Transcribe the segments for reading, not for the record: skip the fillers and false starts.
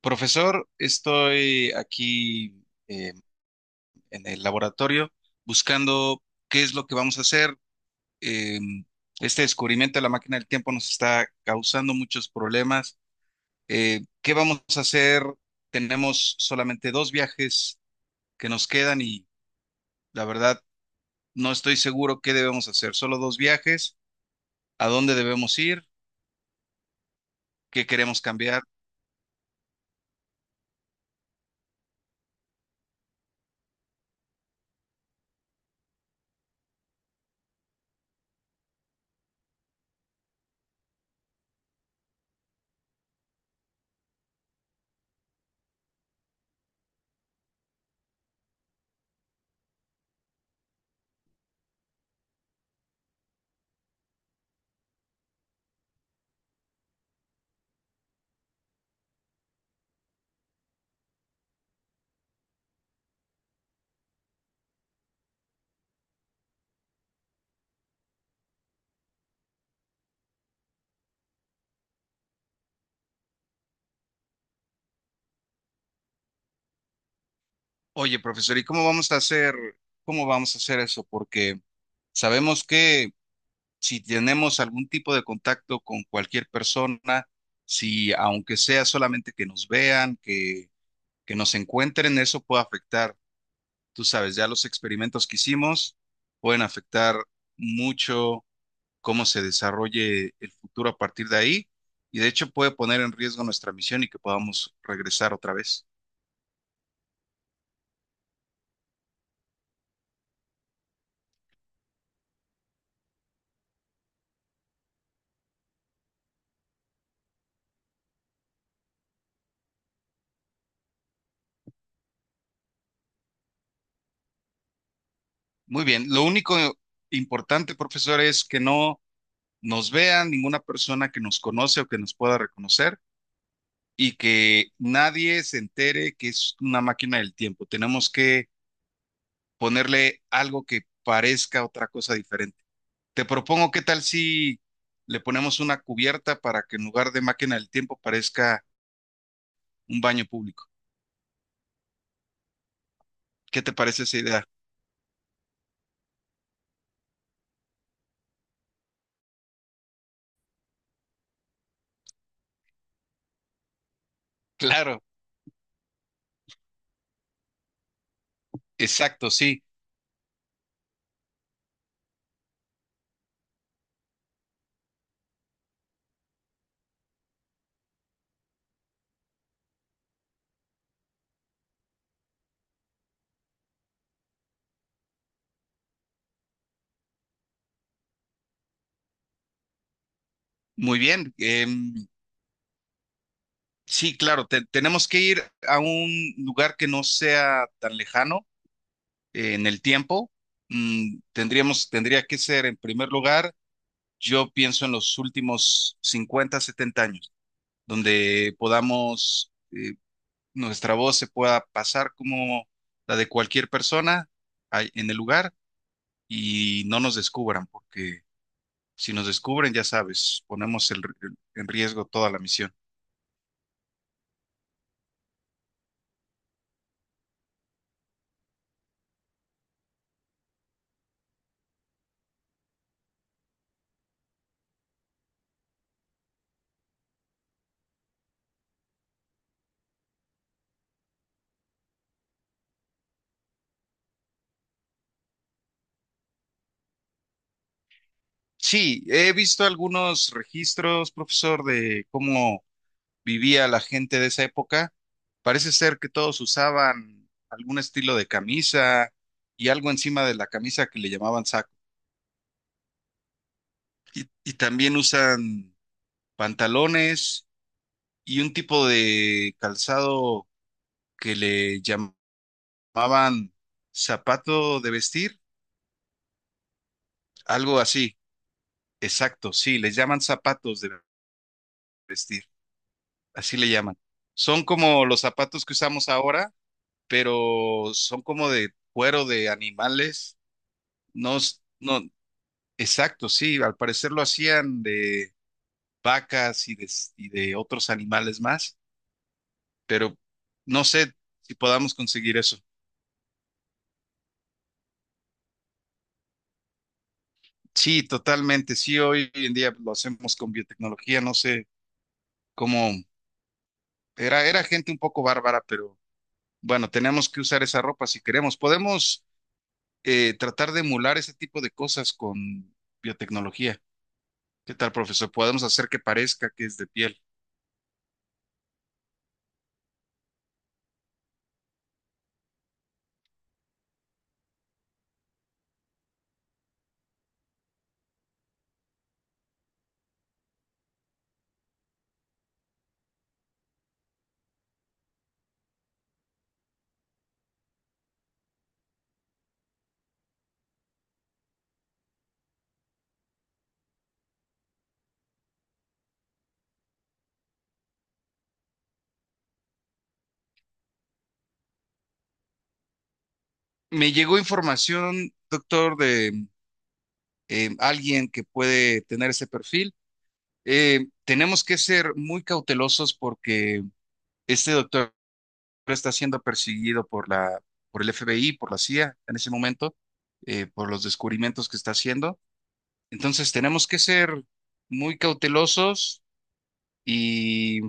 Profesor, estoy aquí eh, en el laboratorio buscando qué es lo que vamos a hacer. Eh, este descubrimiento de la máquina del tiempo nos está causando muchos problemas. ¿Qué vamos a hacer? Tenemos solamente dos viajes que nos quedan y la verdad no estoy seguro qué debemos hacer. Solo dos viajes. ¿A dónde debemos ir? ¿Qué queremos cambiar? Oye, profesor, ¿y cómo vamos a hacer? ¿Cómo vamos a hacer eso? Porque sabemos que si tenemos algún tipo de contacto con cualquier persona, si aunque sea solamente que nos vean, que nos encuentren, eso puede afectar, tú sabes, ya los experimentos que hicimos pueden afectar mucho cómo se desarrolle el futuro a partir de ahí, y de hecho puede poner en riesgo nuestra misión y que podamos regresar otra vez. Muy bien, lo único importante, profesor, es que no nos vean ninguna persona que nos conoce o que nos pueda reconocer, y que nadie se entere que es una máquina del tiempo. Tenemos que ponerle algo que parezca otra cosa diferente. Te propongo, ¿qué tal si le ponemos una cubierta para que en lugar de máquina del tiempo parezca un baño público? ¿Qué te parece esa idea? Claro, exacto, sí. Muy bien. Sí, claro, tenemos que ir a un lugar que no sea tan lejano en el tiempo. Tendría que ser en primer lugar. Yo pienso en los últimos 50 70 años, donde podamos, nuestra voz se pueda pasar como la de cualquier persona ahí en el lugar y no nos descubran, porque si nos descubren, ya sabes, ponemos en riesgo toda la misión. Sí, he visto algunos registros, profesor, de cómo vivía la gente de esa época. Parece ser que todos usaban algún estilo de camisa y algo encima de la camisa que le llamaban saco. Y también usan pantalones y un tipo de calzado que le llamaban zapato de vestir, algo así. Exacto, sí, les llaman zapatos de vestir, así le llaman. Son como los zapatos que usamos ahora, pero son como de cuero de animales. No, no, exacto, sí, al parecer lo hacían de vacas y de otros animales más. Pero no sé si podamos conseguir eso. Sí, totalmente. Sí, hoy en día lo hacemos con biotecnología. No sé cómo era gente un poco bárbara, pero bueno, tenemos que usar esa ropa si queremos. Podemos tratar de emular ese tipo de cosas con biotecnología. ¿Qué tal, profesor? Podemos hacer que parezca que es de piel. Me llegó información, doctor, de alguien que puede tener ese perfil. Tenemos que ser muy cautelosos porque este doctor está siendo perseguido por el FBI, por la CIA en ese momento, por los descubrimientos que está haciendo. Entonces tenemos que ser muy cautelosos y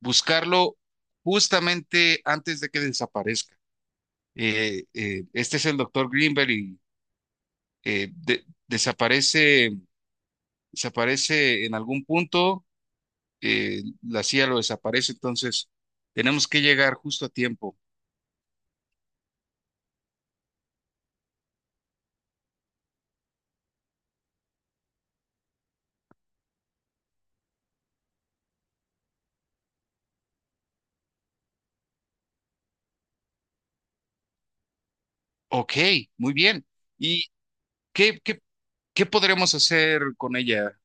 buscarlo justamente antes de que desaparezca. Este es el doctor Greenberg y eh, de- desaparece, desaparece en algún punto. La CIA lo desaparece, entonces tenemos que llegar justo a tiempo. Ok, muy bien. ¿Y qué, qué ¿Qué podríamos hacer con ella?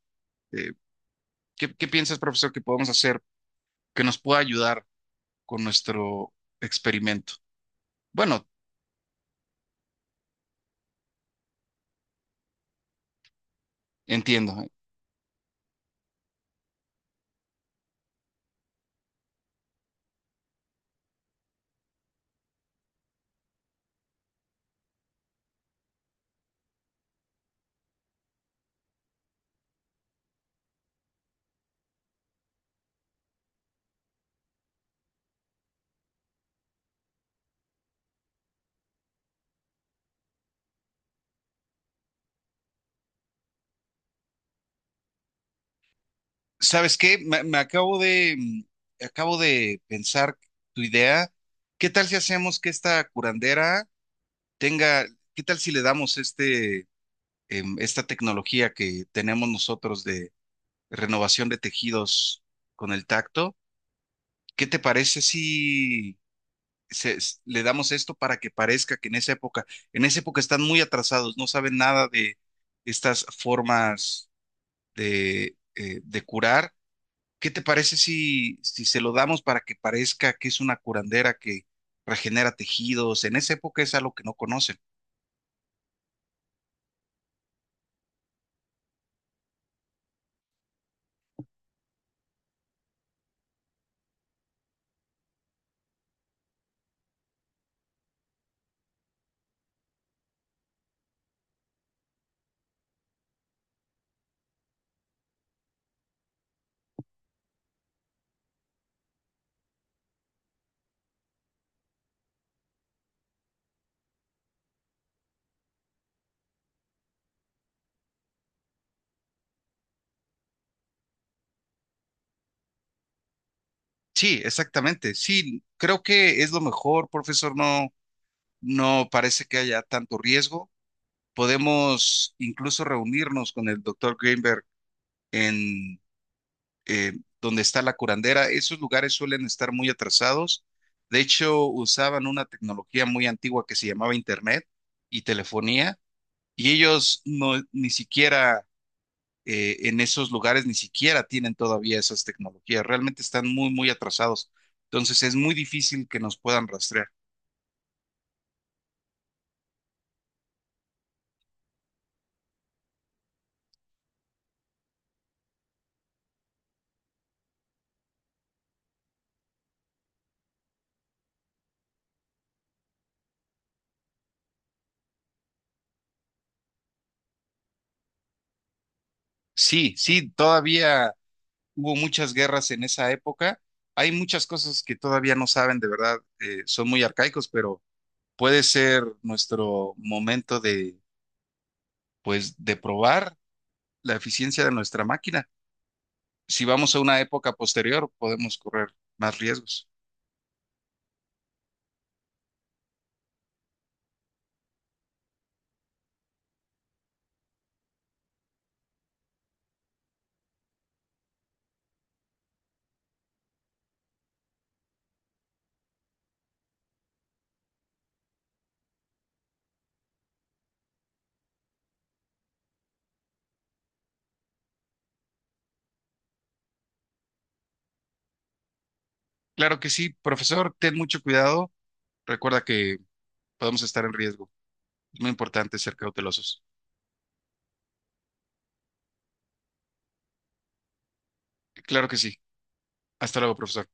Eh, qué piensas, profesor, que podemos hacer que nos pueda ayudar con nuestro experimento? Bueno, entiendo. ¿Sabes qué? Me acabo de pensar tu idea. ¿Qué tal si hacemos que esta curandera tenga? ¿Qué tal si le damos esta tecnología que tenemos nosotros de renovación de tejidos con el tacto? ¿Qué te parece si le damos esto para que parezca que en esa época están muy atrasados, no saben nada de estas formas de curar? ¿Qué te parece si, se lo damos para que parezca que es una curandera que regenera tejidos? En esa época es algo que no conocen. Sí, exactamente. Sí, creo que es lo mejor, profesor. No, no parece que haya tanto riesgo. Podemos incluso reunirnos con el doctor Greenberg en eh, donde está la curandera. Esos lugares suelen estar muy atrasados. De hecho, usaban una tecnología muy antigua que se llamaba Internet y telefonía, y ellos no, ni siquiera en esos lugares, ni siquiera tienen todavía esas tecnologías. Realmente están muy, muy atrasados. Entonces es muy difícil que nos puedan rastrear. Sí, sí, todavía hubo muchas guerras en esa época. Hay muchas cosas que todavía no saben, de verdad, son muy arcaicos, pero puede ser nuestro momento de, pues, de probar la eficiencia de nuestra máquina. Si vamos a una época posterior, podemos correr más riesgos. Claro que sí, profesor, ten mucho cuidado. Recuerda que podemos estar en riesgo. Es muy importante ser cautelosos. Claro que sí. Hasta luego, profesor.